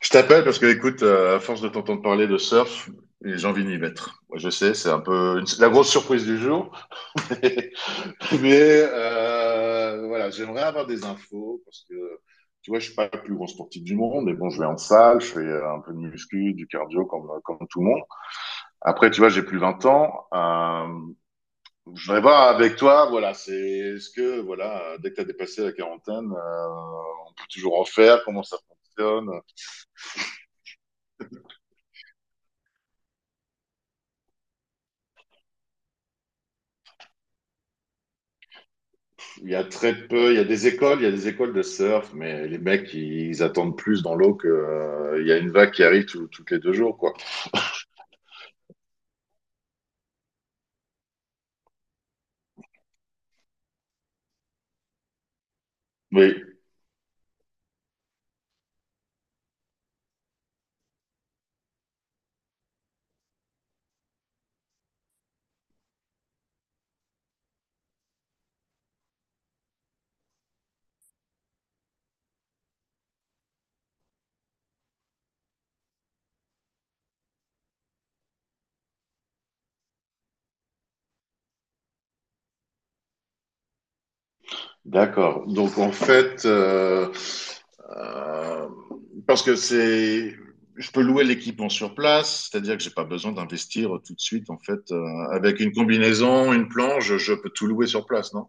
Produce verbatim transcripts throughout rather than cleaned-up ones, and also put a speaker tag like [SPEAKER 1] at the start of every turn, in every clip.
[SPEAKER 1] Je t'appelle parce que, écoute, euh, à force de t'entendre parler de surf, j'ai envie d'y mettre. Moi, Je sais, c'est un peu une- la grosse surprise du jour, mais euh, voilà, j'aimerais avoir des infos parce que, tu vois, je suis pas le plus grand sportif du monde, mais bon, je vais en salle, je fais euh, un peu de muscu, du cardio comme, comme tout le monde. Après, tu vois, j'ai plus vingt ans. Euh, je voudrais voir avec toi, voilà, c'est est-ce que, voilà, dès que tu as dépassé la quarantaine, euh, on peut toujours en faire, comment ça fonctionne? Il y a très peu, il y a des écoles, il y a des écoles de surf, mais les mecs, ils attendent plus dans l'eau que euh, il y a une vague qui arrive tout- toutes les deux jours, quoi. Oui, d'accord. Donc en fait, euh, euh, parce que c'est, je peux louer l'équipement sur place, c'est-à-dire que j'ai pas besoin d'investir tout de suite, en fait, euh, avec une combinaison, une planche, je peux tout louer sur place, non?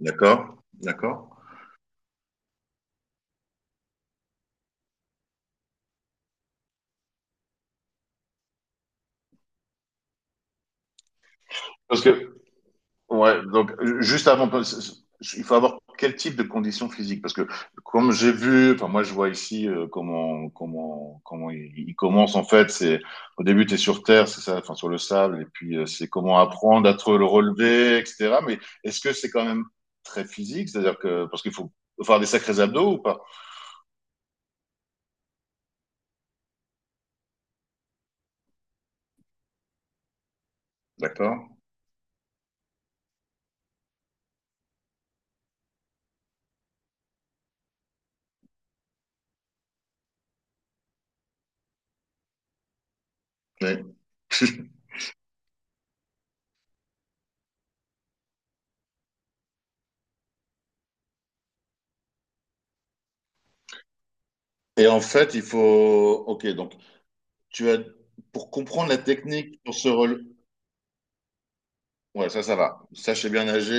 [SPEAKER 1] D'accord, d'accord. Parce que Ouais, donc euh, juste avant, parce- il faut avoir quel type de conditions physiques? Parce que comme j'ai vu, enfin moi je vois ici euh, comment comment comment il, il commence en fait. C'est au début tu es sur terre, c'est ça, enfin sur le sable, et puis euh, c'est comment apprendre à te le relever, et cetera. Mais est-ce que c'est quand même très physique? C'est-à-dire que parce qu'il faut faire des sacrés abdos ou pas? D'accord. Ouais. Et en fait, il faut. Ok, donc tu as pour comprendre la technique pour se rel- Ouais, ça, ça va. Ça, je sais bien nager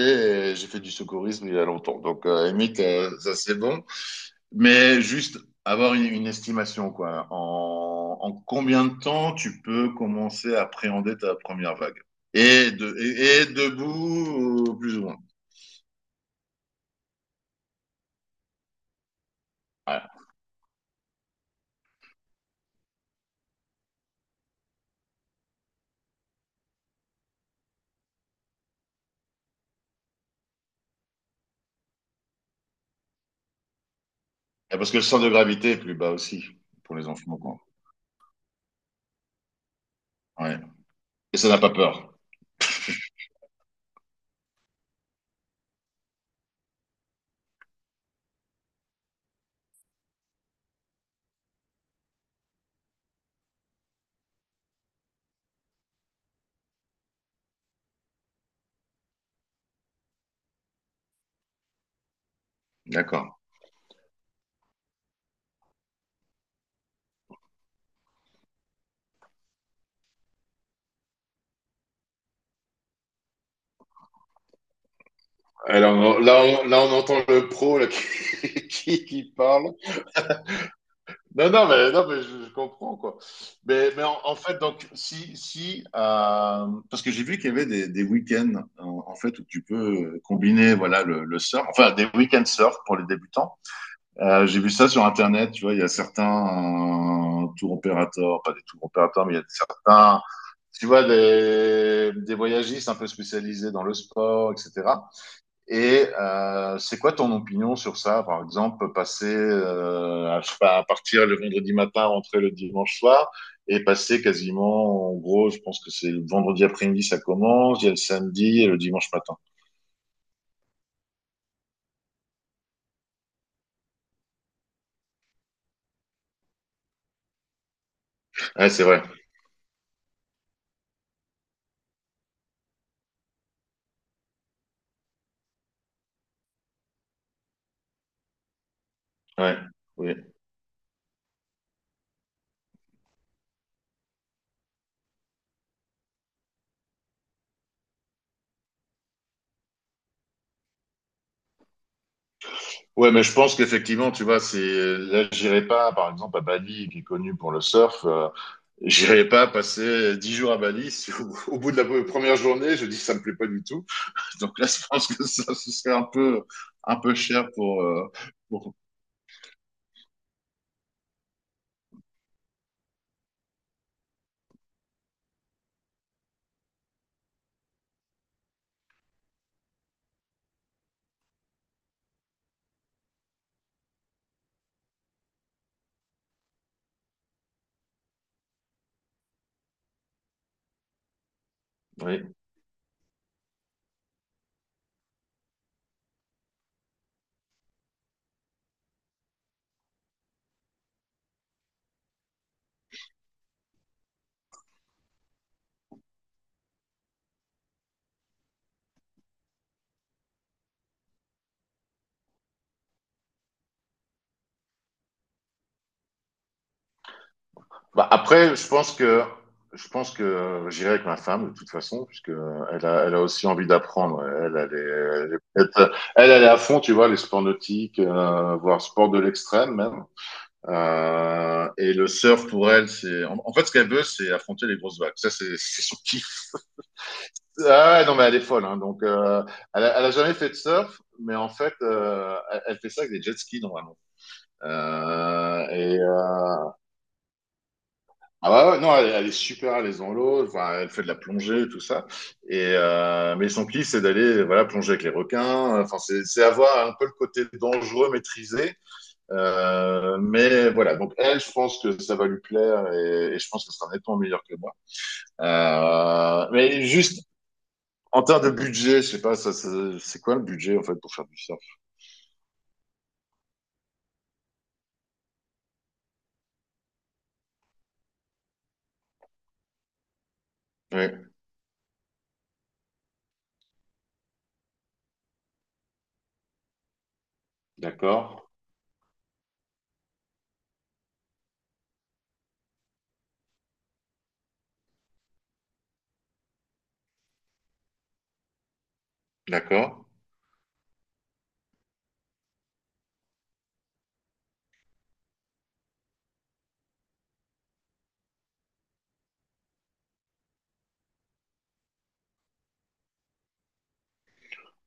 [SPEAKER 1] et j'ai fait du secourisme il y a longtemps. Donc, euh, à la limite, euh, ça, c'est bon. Mais juste avoir une, une estimation, quoi. En, en combien de temps tu peux commencer à appréhender ta première vague? Et, de, et, et debout, euh, plus ou moins. Ouais. Et parce que le centre de gravité est plus bas aussi pour les enfants, quoi. Ouais. Et ça n'a pas peur. D'accord. Alors, là, on, là, on là, on entend le pro là, qui, qui parle. Non, non, mais, non, mais je, je comprends, quoi. Mais, mais en, en fait, donc, si, si, euh, parce que j'ai vu qu'il y avait des, des week-ends, en, en fait, où tu peux euh, combiner, voilà, le, le surf, enfin, des week-ends surf pour les débutants. Euh, j'ai vu ça sur Internet, tu vois, il y a certains euh, tour opérateurs, pas des tour opérateurs, mais il y a certains, tu vois, des, des voyagistes un peu spécialisés dans le sport, et cetera. Et euh, c'est quoi ton opinion sur ça? Par exemple, passer euh, à, je sais pas, à partir le vendredi matin, rentrer le dimanche soir, et passer quasiment, en gros, je pense que c'est le vendredi après-midi, ça commence, il y a le samedi et le dimanche matin. Ouais, c'est vrai. Ouais. Oui. Ouais, mais je pense qu'effectivement, tu vois, c'est euh, là, j'irai pas, par exemple, à Bali, qui est connu pour le surf, euh, j'irai pas passer dix jours à Bali. si au, au bout de la première journée, je dis ça me plaît pas du tout. Donc là, je pense que ça, ce serait un peu, un peu cher pour. euh, pour... Oui. Bah, après, je pense que je pense que j'irai avec ma femme de toute façon, puisque elle a, elle a aussi envie d'apprendre. Elle, elle est, elle, est peut-être- elle, elle est à fond, tu vois, les sports nautiques, euh, voire sport de l'extrême même. Euh, et le surf pour elle, c'est en, en fait ce qu'elle veut, c'est affronter les grosses vagues. Ça, c'est c'est son kiff. Ah ouais, non, mais elle est folle. Hein, donc, euh, elle, a, elle a jamais fait de surf, mais en fait, euh, elle, elle fait ça avec des jet skis normalement. Euh, et euh, ah ouais, ouais, non, elle, elle est super à l'aise dans l'eau. Enfin, elle fait de la plongée, tout ça. Et euh, mais son kiff, c'est d'aller voilà plonger avec les requins. Enfin, c'est c'est avoir un peu le côté dangereux maîtrisé. Euh, mais voilà, donc elle, je pense que ça va lui plaire et, et je pense que ce sera nettement meilleur que moi. Euh, mais juste en termes de budget, je sais pas, ça, ça- c'est quoi le budget en fait pour faire du surf? Oui, D'accord. d'accord.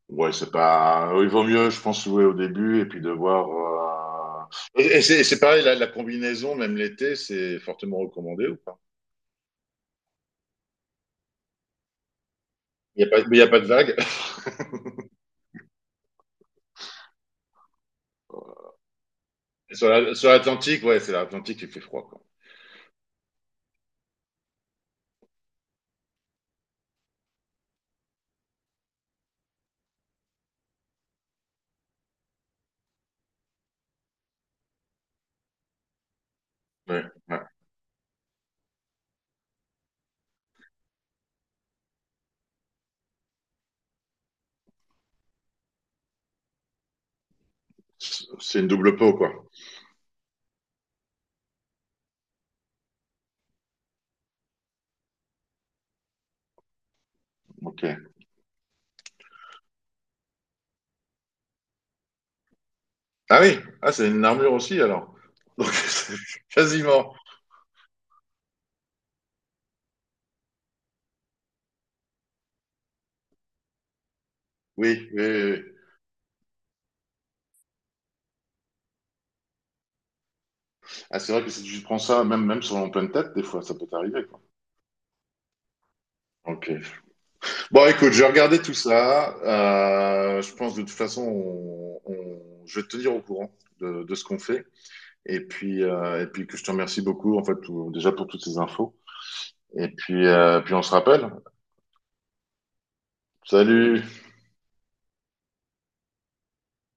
[SPEAKER 1] Ouais, c'est pas. Il vaut mieux, je pense, jouer au début et puis de voir. euh, Et et c'est c'est pareil, la, la combinaison, même l'été, c'est fortement recommandé ou pas? Il y a pas, mais il y a pas de vague. Sur la- sur l'Atlantique, ouais, c'est l'Atlantique qui fait froid, quoi. Ouais, ouais. C'est une double peau, quoi. Ok. Ah oui, ah, c'est une armure aussi, alors. Donc, quasiment. Oui, oui, oui, oui. Ah, c'est vrai que si tu prends ça, même, même sur en pleine tête, des fois, ça peut t'arriver, quoi. Ok. Bon, écoute, je vais regarder tout ça. Euh, je pense de toute façon, on- on- je vais te tenir au courant de, de ce qu'on fait. Et puis, euh, et puis que je te remercie beaucoup, en fait, tout- déjà pour toutes ces infos. Et puis, euh, puis on se rappelle. Salut!